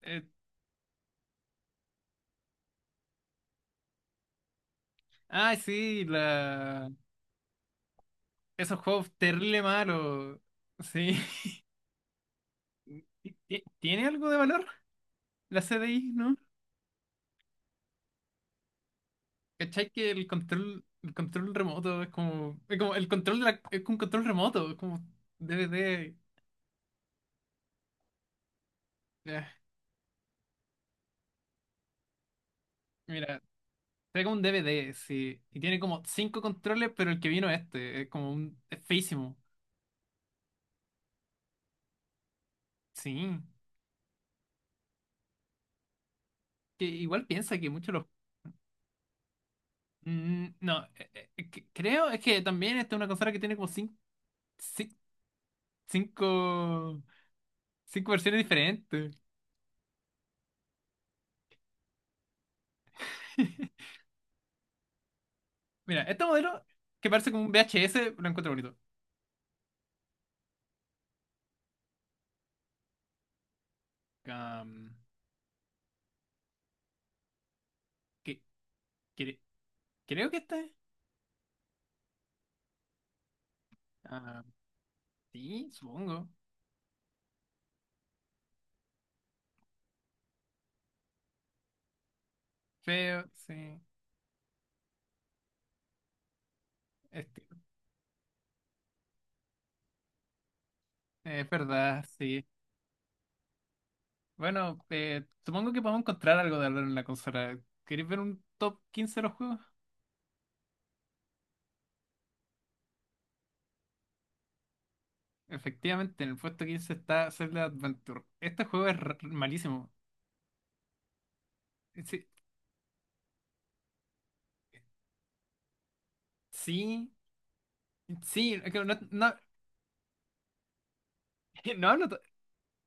Eh, ah, sí. Esos juegos terrible malos. Sí. ¿Tiene algo de valor la CDI, no? ¿Cachai que el control remoto es como el control de es como un control remoto, es como D DVD. Ah, mira, es como un DVD, sí. Y tiene como cinco controles, pero el que vino este es como un es feísimo. Sí. Que igual piensa que muchos los no, creo es que también esta es una consola que tiene como cinco, cinco versiones diferentes. Mira, este modelo que parece como un VHS lo encuentro bonito. Am, que, cre- Creo que este. Ah, sí, supongo. Feo, sí. Este, es verdad, sí. Bueno, supongo que podemos encontrar algo de hablar en la consola. ¿Queréis ver un top 15 de los juegos? Efectivamente, en el puesto 15 está Zelda Adventure. Este juego es malísimo. Sí, sí, sí, es que no, no, no hablo.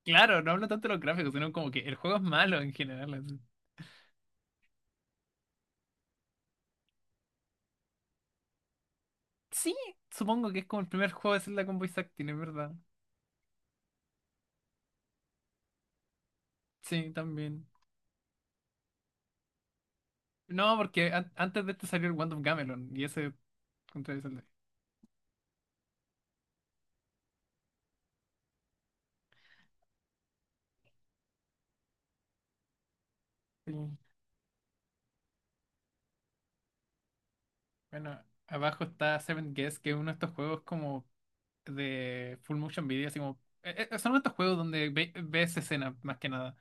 Claro, no hablo tanto de los gráficos, sino como que el juego es malo en general, así. Sí, supongo que es como el primer juego de Zelda con voice acting, es verdad. Sí, también. No, porque antes de este salió el Wand of Gamelon y ese contra el Zelda. Sí. Bueno, abajo está Seven Guess, que es uno de estos juegos como de full motion video, así como son estos juegos donde ves escenas más que nada.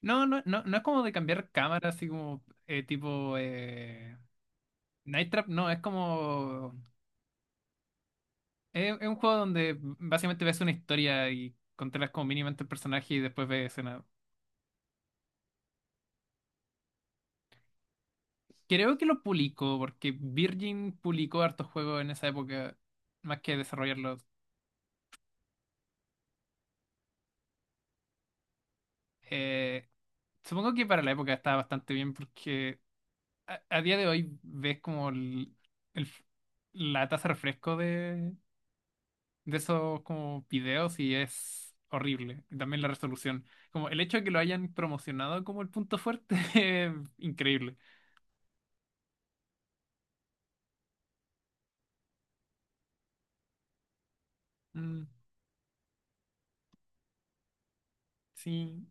No, no, no, no es como de cambiar cámara, así como tipo Night Trap, no, es un juego donde básicamente ves una historia y controlas como mínimamente el personaje y después ves escena. Creo que lo publicó, porque Virgin publicó hartos juegos en esa época, más que desarrollarlos. Eh, Supongo que para la época estaba bastante bien, porque a día de hoy ves como el f- la tasa de refresco de esos como videos y es horrible. Y también la resolución. Como el hecho de que lo hayan promocionado como el punto fuerte es increíble. Mm. Sí,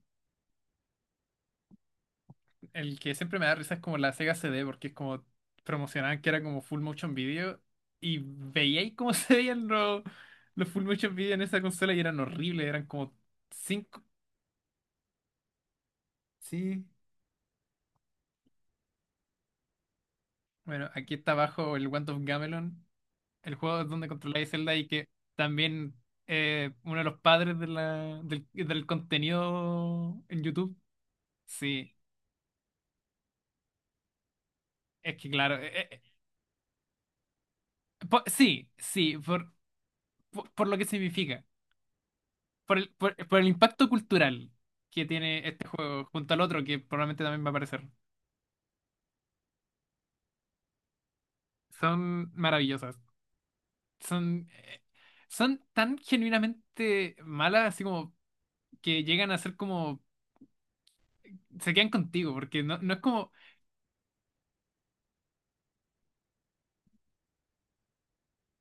el que siempre me da risa es como la Sega CD, porque es como promocionaban que era como full motion video y veíais cómo se veían los full motion video en esa consola y eran horribles, eran como cinco. Sí, bueno, aquí está abajo el Wand of Gamelon, el juego donde controláis Zelda y que también uno de los padres del contenido en YouTube. Sí, es que claro, sí, sí, por lo que significa. Por el impacto cultural que tiene este juego junto al otro que probablemente también va a aparecer. Son maravillosas. Son, eh, son tan genuinamente malas, así como que llegan a ser como. Se quedan contigo, porque no, no es como.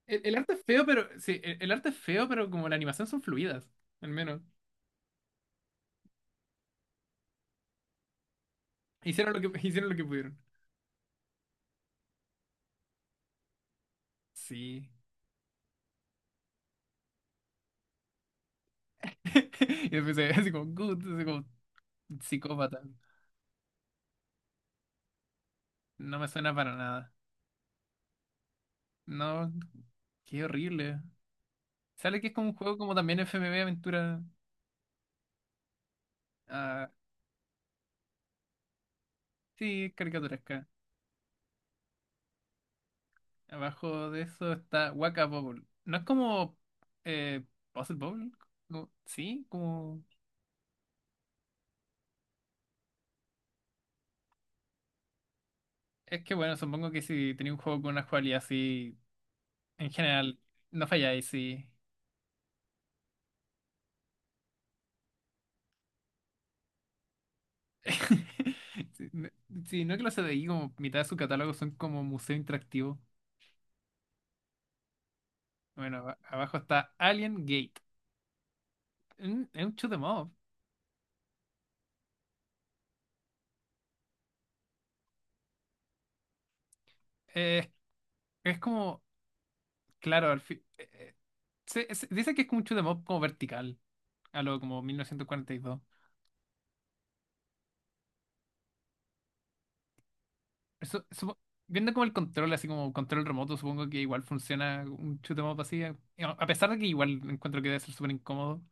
El arte es feo, pero. Sí, el arte es feo, pero como la animación son fluidas, al menos. Hicieron lo que, hicieron lo que pudieron. Sí. Y después se ve así como "Gut", así como psicópata. No me suena para nada. No, qué horrible. Sale que es como un juego como también FMV Aventura. Ah, sí, es caricaturesca. Abajo de eso está Waka Bubble. No es como eh, Puzzle Bobble. Sí, como. Es que bueno, supongo que si tenía un juego con una jugabilidad así, en general, no falláis, sí. Sí, no, sí, no, que los CDI, como mitad de su catálogo son como museo interactivo. Bueno, abajo está Alien Gate. Es un shoot 'em up. Eh, es como, claro, al fin. Dice que es como un shoot 'em up como vertical, a lo como 1942. Eso, viendo como el control, así como control remoto, supongo que igual funciona un shoot 'em up así. A pesar de que igual encuentro que debe ser súper incómodo.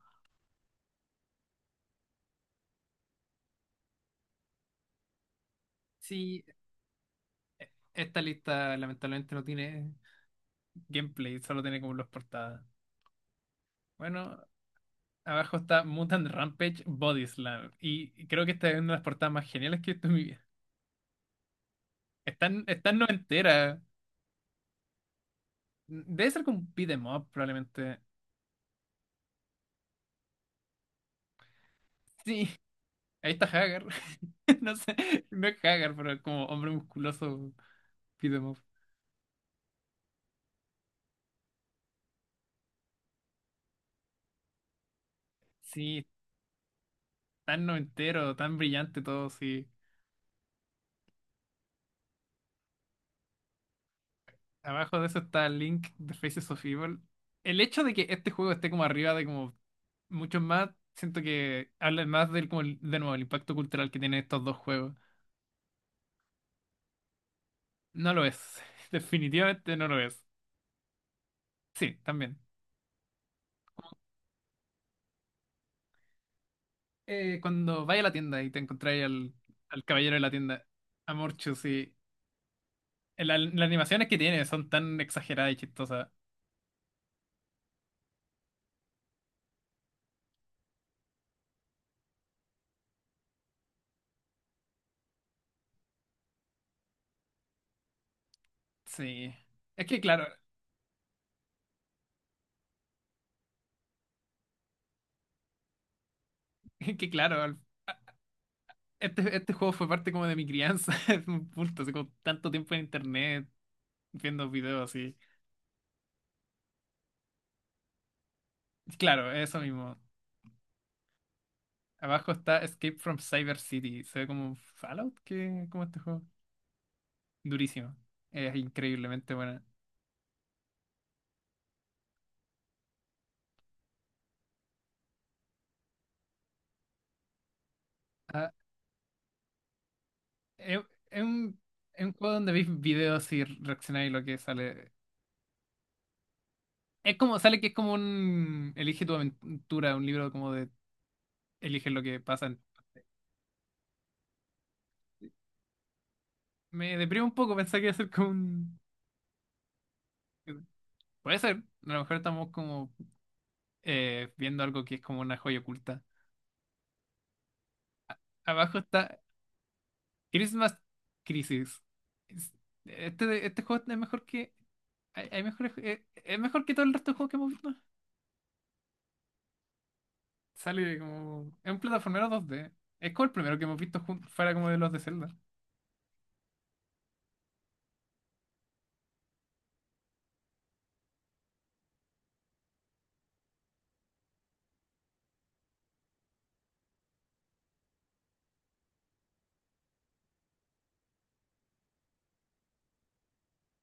Sí, esta lista lamentablemente no tiene gameplay, solo tiene como los portadas. Bueno, abajo está Mutant Rampage Body Slam. Y creo que esta es una de las portadas más geniales que he visto en mi vida. Está en noventera. Debe ser como un beat 'em up, probablemente. Sí, ahí está Hagar. No sé, no es Hagar, pero es como hombre musculoso, beat 'em up. Sí, tan noventero, tan brillante todo, sí. Abajo de eso está Link de Faces of Evil. El hecho de que este juego esté como arriba de como muchos más, siento que habla más del como de nuevo el impacto cultural que tienen estos dos juegos. No lo es. Definitivamente no lo es. Sí, también. Cuando vaya a la tienda y te encontráis al caballero de la tienda, Amorcho, sí. Las animaciones que tiene son tan exageradas y chistosas. Sí. Es que claro, es que claro, este juego fue parte como de mi crianza, es un punto, así como tanto tiempo en internet viendo videos así. Claro, eso mismo. Abajo está Escape from Cyber City. Se ve como Fallout, que como este juego. Durísimo. Es increíblemente buena. Ah, es, es un, es un juego donde veis videos y reaccionáis a lo que sale. Es como, sale que es como un Elige tu aventura, un libro como de eligen lo que pasan. Me deprime un poco pensar que iba a ser como un. Puede ser, a lo mejor estamos como viendo algo que es como una joya oculta. Abajo está Christmas Crisis. Es- este juego es mejor que. Es mejor que todo el resto de juegos que hemos visto. Sale como. Es un plataformero 2D. Es como el primero que hemos visto fuera como de los de Zelda.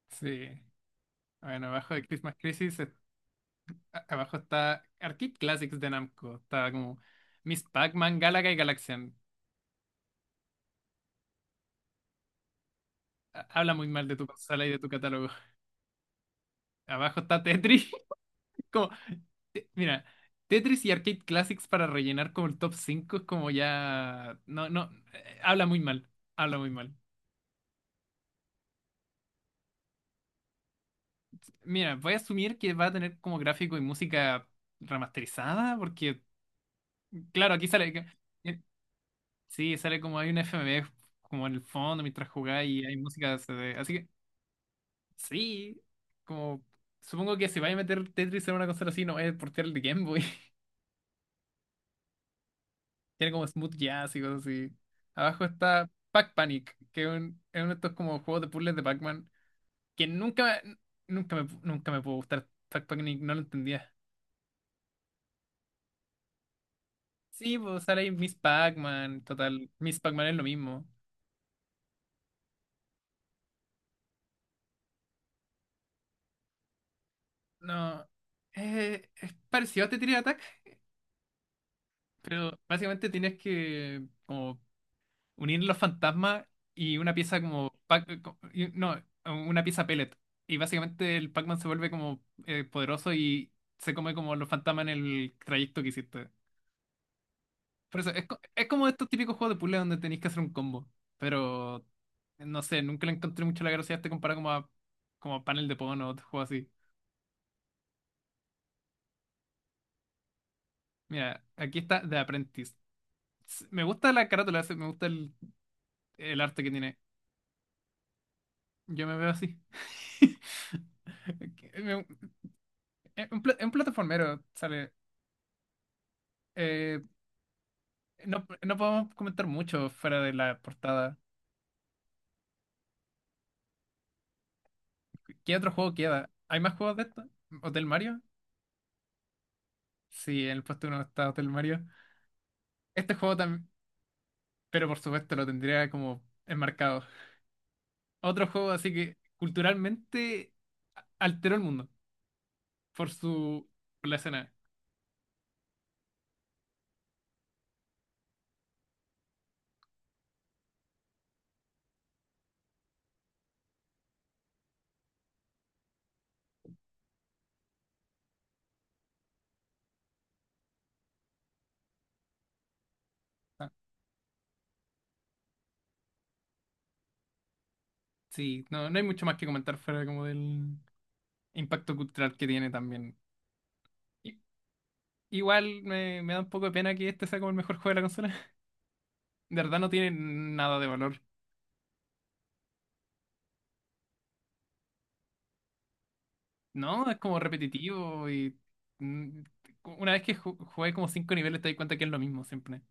Sí. Bueno, abajo de Christmas Crisis abajo está Arcade Classics de Namco. Está como Miss Pac-Man, Galaga y Galaxian. Habla muy mal de tu consola y de tu catálogo. Abajo está Tetris. Como, Mira, Tetris y Arcade Classics para rellenar como el top 5 es como ya. No, no, habla muy mal. Habla muy mal. Mira, voy a asumir que va a tener como gráfico y música remasterizada porque, claro, aquí sale. Eh, Sí, sale como hay una FMV como en el fondo mientras jugáis y hay música CD. Así que sí, como supongo que si vais a meter Tetris en una consola así, no es portear el de Game Boy. Tiene como Smooth Jazz y cosas así. Abajo está Pac Panic, que es uno de estos como juegos de puzzles de Pac-Man, que nunca me pudo gustar Pac Panic, no lo entendía. Sí, pues sale ahí Miss Pac-Man, total, Miss Pac-Man es lo mismo. No, es parecido a Tetris Attack, pero básicamente tienes que como unir los fantasmas y una pieza como, no, una pieza pellet. Y básicamente el Pac-Man se vuelve como poderoso y se come como los fantasmas en el trayecto que hiciste. Por eso, es como estos típicos juegos de puzzle donde tenéis que hacer un combo. Pero, no sé, nunca le encontré mucho la gracia a este comparado como como a panel de Pon o otro juego así. Mira, aquí está The Apprentice. Me gusta la carátula, me gusta el arte que tiene. Yo me veo así. Me, es un plataformero, sale. Eh, no, no podemos comentar mucho fuera de la portada. ¿Qué otro juego queda? ¿Hay más juegos de esto? ¿Hotel Mario? Sí, en el puesto uno está Hotel Mario. Este juego también, pero por supuesto lo tendría como enmarcado. Otro juego así que culturalmente alteró el mundo por su por la escena. Ah, sí, no, no hay mucho más que comentar fuera como del impacto cultural que tiene también. I- Igual me da un poco de pena que este sea como el mejor juego de la consola. De verdad no tiene nada de valor. No, es como repetitivo y mm, una vez que jugué como cinco niveles te das cuenta que es lo mismo siempre.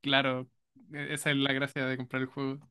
Claro, esa es la gracia de comprar el juego.